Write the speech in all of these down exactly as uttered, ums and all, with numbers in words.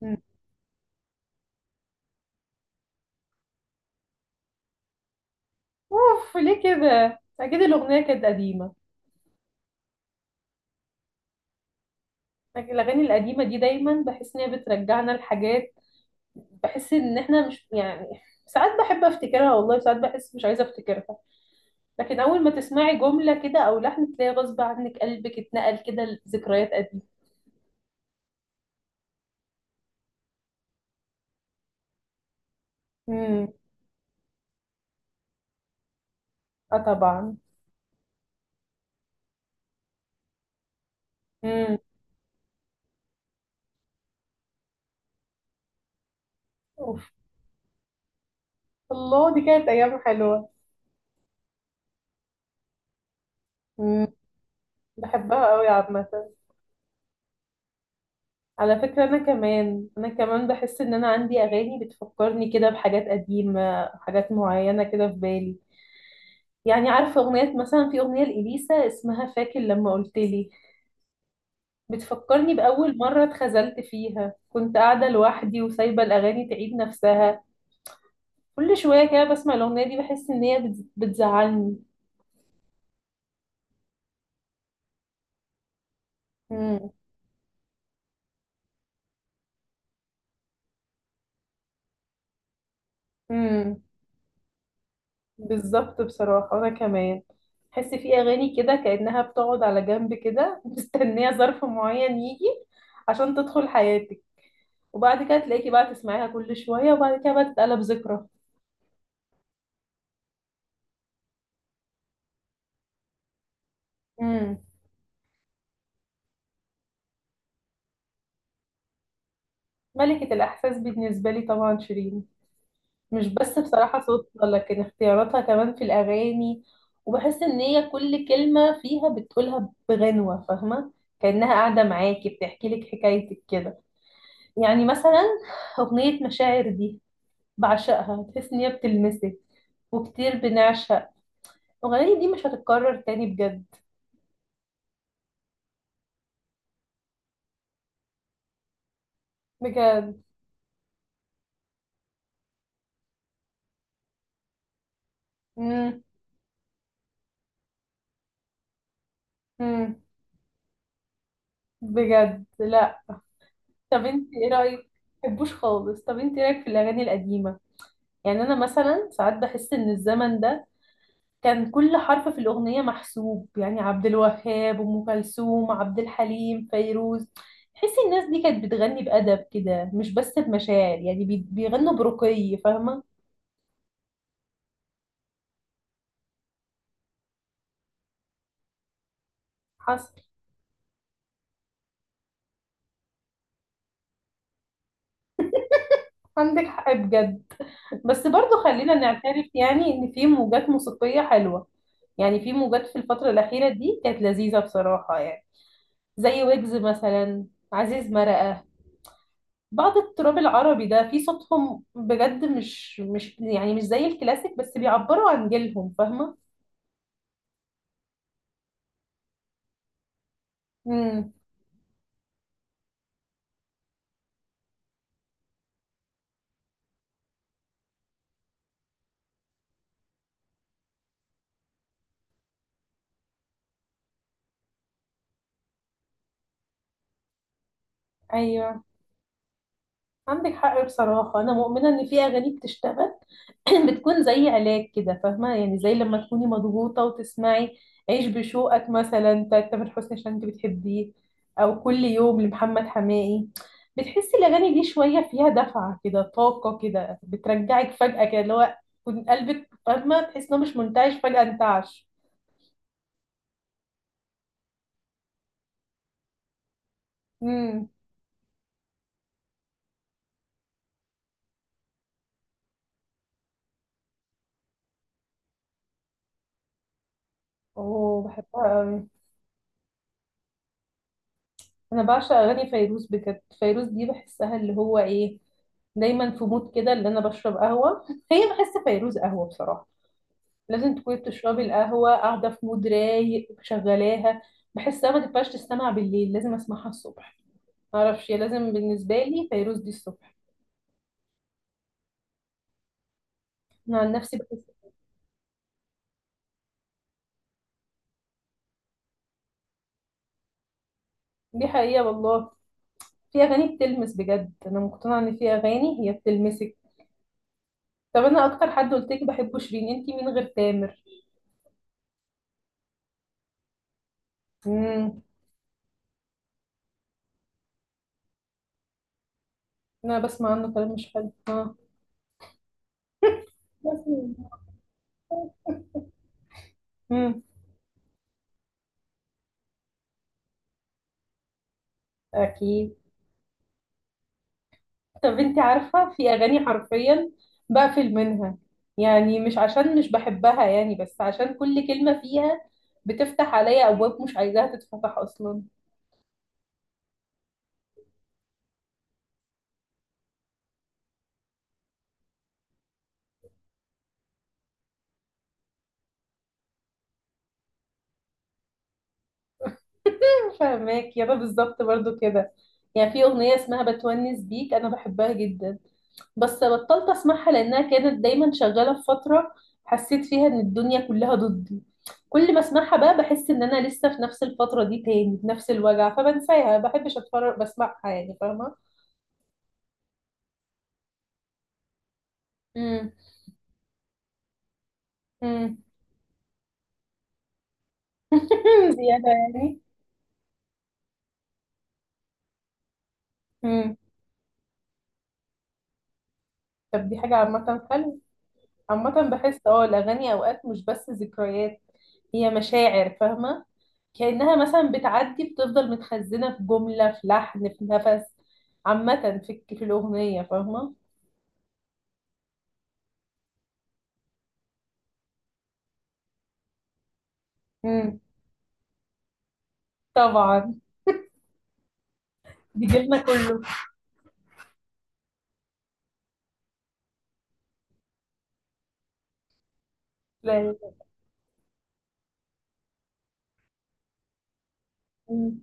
مم. اوف، ليه كده؟ اكيد الاغنيه كانت قديمه. لكن الاغاني القديمه دي دايما بحس ان هي بترجعنا لحاجات. بحس ان احنا مش، يعني ساعات بحب افتكرها والله، ساعات بحس مش عايزه افتكرها. لكن اول ما تسمعي جمله كده او لحن، تلاقي غصب عنك قلبك اتنقل كده لذكريات قديمه. امم. اه طبعا. امم. اوف. الله، دي كانت ايام حلوه. امم. بحبها قوي عامه. على فكرة، أنا كمان أنا كمان بحس إن أنا عندي أغاني بتفكرني كده بحاجات قديمة، حاجات معينة كده في بالي. يعني عارفة أغنية، مثلا في أغنية لإليسا اسمها فاكر لما قلتلي، بتفكرني بأول مرة اتخذلت فيها. كنت قاعدة لوحدي وسايبة الأغاني تعيد نفسها. كل شوية كده بسمع الأغنية دي بحس إن هي بتز- بتزعلني. مم. مم. بالظبط، بصراحة أنا كمان. تحس في أغاني كده كأنها بتقعد على جنب كده مستنية ظرف معين يجي عشان تدخل حياتك. وبعد كده تلاقيكي بقى تسمعيها كل شوية، وبعد كده بقى تتقلب ذكرى. امم. ملكة الإحساس بالنسبة لي طبعا شيرين. مش بس بصراحة صوتها، لكن اختياراتها كمان في الأغاني. وبحس إن هي كل كلمة فيها بتقولها بغنوة، فاهمة، كأنها قاعدة معاكي بتحكي لك حكايتك كده. يعني مثلا أغنية مشاعر دي بعشقها، تحس ان هي بتلمسك. وكتير بنعشق. الاغنيه دي مش هتتكرر تاني بجد. بجد. مم. مم. بجد لا. طب انت ايه رايك؟ مبحبوش خالص. طب انت ايه رايك في الاغاني القديمه؟ يعني انا مثلا ساعات بحس ان الزمن ده كان كل حرف في الاغنيه محسوب. يعني عبد الوهاب، ام كلثوم، عبد الحليم، فيروز، تحسي الناس دي كانت بتغني بادب كده، مش بس بمشاعر. يعني بي- بيغنوا برقي، فاهمه. حصل. عندك حق بجد. بس برضو خلينا نعترف يعني ان في موجات موسيقية حلوة. يعني في موجات في الفترة الأخيرة دي كانت لذيذة بصراحة. يعني زي ويجز مثلا، عزيز مرقة، بعض التراب العربي ده في صوتهم بجد. مش مش يعني مش زي الكلاسيك، بس بيعبروا عن جيلهم، فاهمة. امم. ايوه عندك حق. بصراحة انا مؤمنة ان في اغاني بتشتغل بتكون زي علاج كده، فاهمة؟ يعني زي لما تكوني مضغوطة وتسمعي عيش بشوقك مثلا بتاعت تامر حسني عشان انت بتحبيه، او كل يوم لمحمد حماقي، بتحسي الاغاني دي شوية فيها دفعة كده، طاقة كده، بترجعك فجأة كده، اللي هو كنت قلبك، فاهمة، تحس انه مش منتعش فجأة انتعش. امم. اوه، بحبها قوي. انا بعشق اغاني فيروز بجد. فيروز دي بحسها اللي هو ايه، دايما في مود كده اللي انا بشرب قهوة. هي، بحس فيروز قهوة بصراحة. لازم تكوني بتشربي القهوة قاعدة في مود رايق شغلاها. بحسها ما تنفعش تستمع بالليل، لازم اسمعها الصبح. معرفش، هي لازم بالنسبة لي فيروز دي الصبح. انا عن نفسي بحس. دي حقيقة والله، في اغاني بتلمس بجد. انا مقتنعة ان في اغاني هي بتلمسك. طب انا اكتر حد قلت لك بحبه شيرين، انتي مين غير تامر؟ امم. انا بسمع عنه كلام مش حلو اه. بس- امم. اكيد. طب انت عارفة في اغاني حرفيا بقفل منها. يعني مش عشان مش بحبها يعني، بس عشان كل كلمة فيها بتفتح عليا ابواب مش عايزاها تتفتح اصلا. فاهماك يابا، بالظبط برضو كده. يعني في اغنية اسمها بتونس بيك انا بحبها جدا، بس بطلت اسمعها لانها كانت دايما شغالة في فترة حسيت فيها ان الدنيا كلها ضدي. كل ما اسمعها بقى بحس ان انا لسه في نفس الفترة دي تاني بنفس الوجع، فبنساها، ما بحبش اتفرج بسمعها يعني، فاهمة. امم. امم. زيادة يعني. امم. طب دي حاجة عامة حلوة. عامة بحس اه الأغاني أوقات مش بس ذكريات، هي مشاعر، فاهمة. كأنها مثلا بتعدي بتفضل متخزنة في جملة، في لحن، في نفس، عامة، في في الأغنية، فاهمة. امم. طبعا، دي جيلنا كله. لا. امم.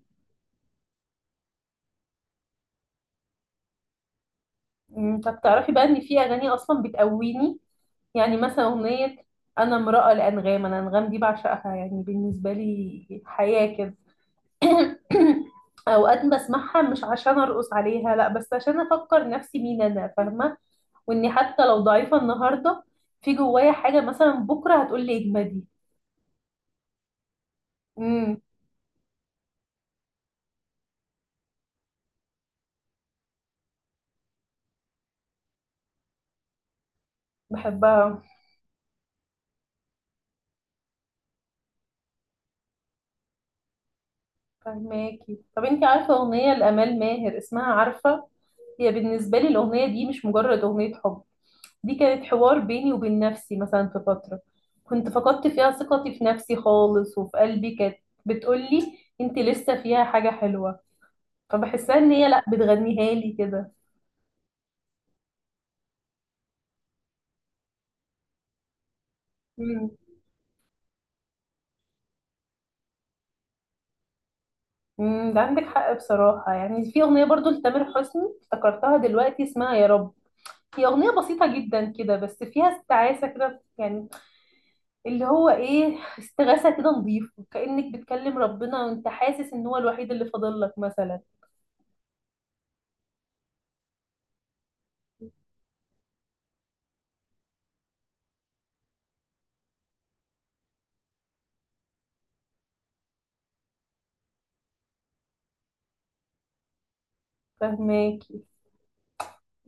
أمم. طب تعرفي بقى إن في أغاني أصلا بتقويني؟ يعني مثلا أغنية أنا امرأة لأنغام. أنا أنغام دي بعشقها، يعني بالنسبة لي حياة كده. اوقات بسمعها مش عشان ارقص عليها لا، بس عشان افكر نفسي مين انا، فاهمه. واني حتى لو ضعيفه النهارده، في جوايا حاجه مثلا بكره هتقول لي اجمدي. امم. بحبها. فهماكي. طب انت عارفه اغنيه لامال ماهر اسمها عارفه؟ هي بالنسبه لي الاغنيه دي مش مجرد اغنيه حب. دي كانت حوار بيني وبين نفسي مثلا في فتره كنت فقدت فيها ثقتي في نفسي خالص، وفي قلبي كانت بتقولي انت لسه فيها حاجه حلوه. فبحسها ان هي لا بتغنيها لي كده. امم. أمم. ده عندك حق بصراحة. يعني في أغنية برضو لتامر حسني افتكرتها دلوقتي اسمها يا رب. هي أغنية بسيطة جدا كده بس فيها استعاسة كده يعني، اللي هو ايه، استغاثة كده نظيفة، كأنك بتكلم ربنا وانت حاسس ان هو الوحيد اللي فاضل لك مثلا. فهماكي.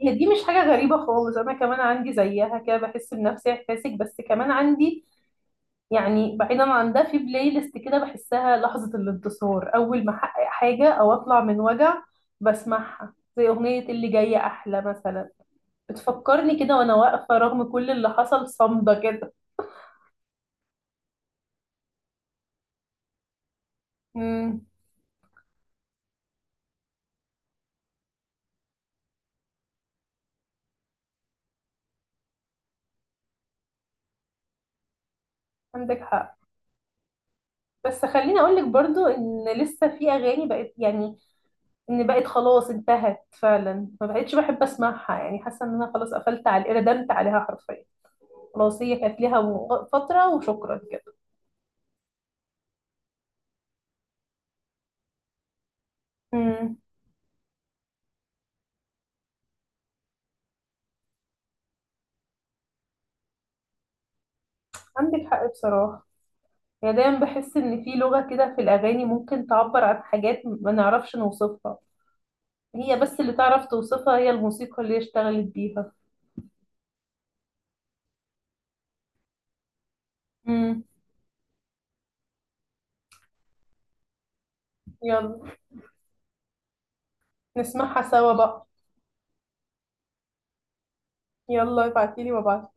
هي دي مش حاجة غريبة خالص، انا كمان عندي زيها كده، بحس بنفس احساسك، بس كمان عندي يعني، بعيدا عن ده، في بلاي ليست كده بحسها لحظة الانتصار، أول ما أحقق حاجة أو أطلع من وجع بسمعها، زي أغنية اللي جاية أحلى مثلا، بتفكرني كده وأنا واقفة رغم كل اللي حصل، صامدة كده. امم. عندك حق. بس خليني أقولك برضو إن لسه في أغاني بقت يعني إن بقت، خلاص انتهت فعلا، ما بقتش بحب أسمعها، يعني حاسة إن أنا خلاص قفلت على، ردمت عليها حرفيا، خلاص هي كانت ليها فترة وشكرا كده. امم. عندك حق بصراحة. يعني دايما بحس ان في لغة كده في الاغاني ممكن تعبر عن حاجات ما نعرفش نوصفها. هي بس اللي تعرف توصفها هي الموسيقى اللي هي اشتغلت بيها. امم. يلا. نسمعها سوا بقى. يلا ابعتيلي وابعتلي.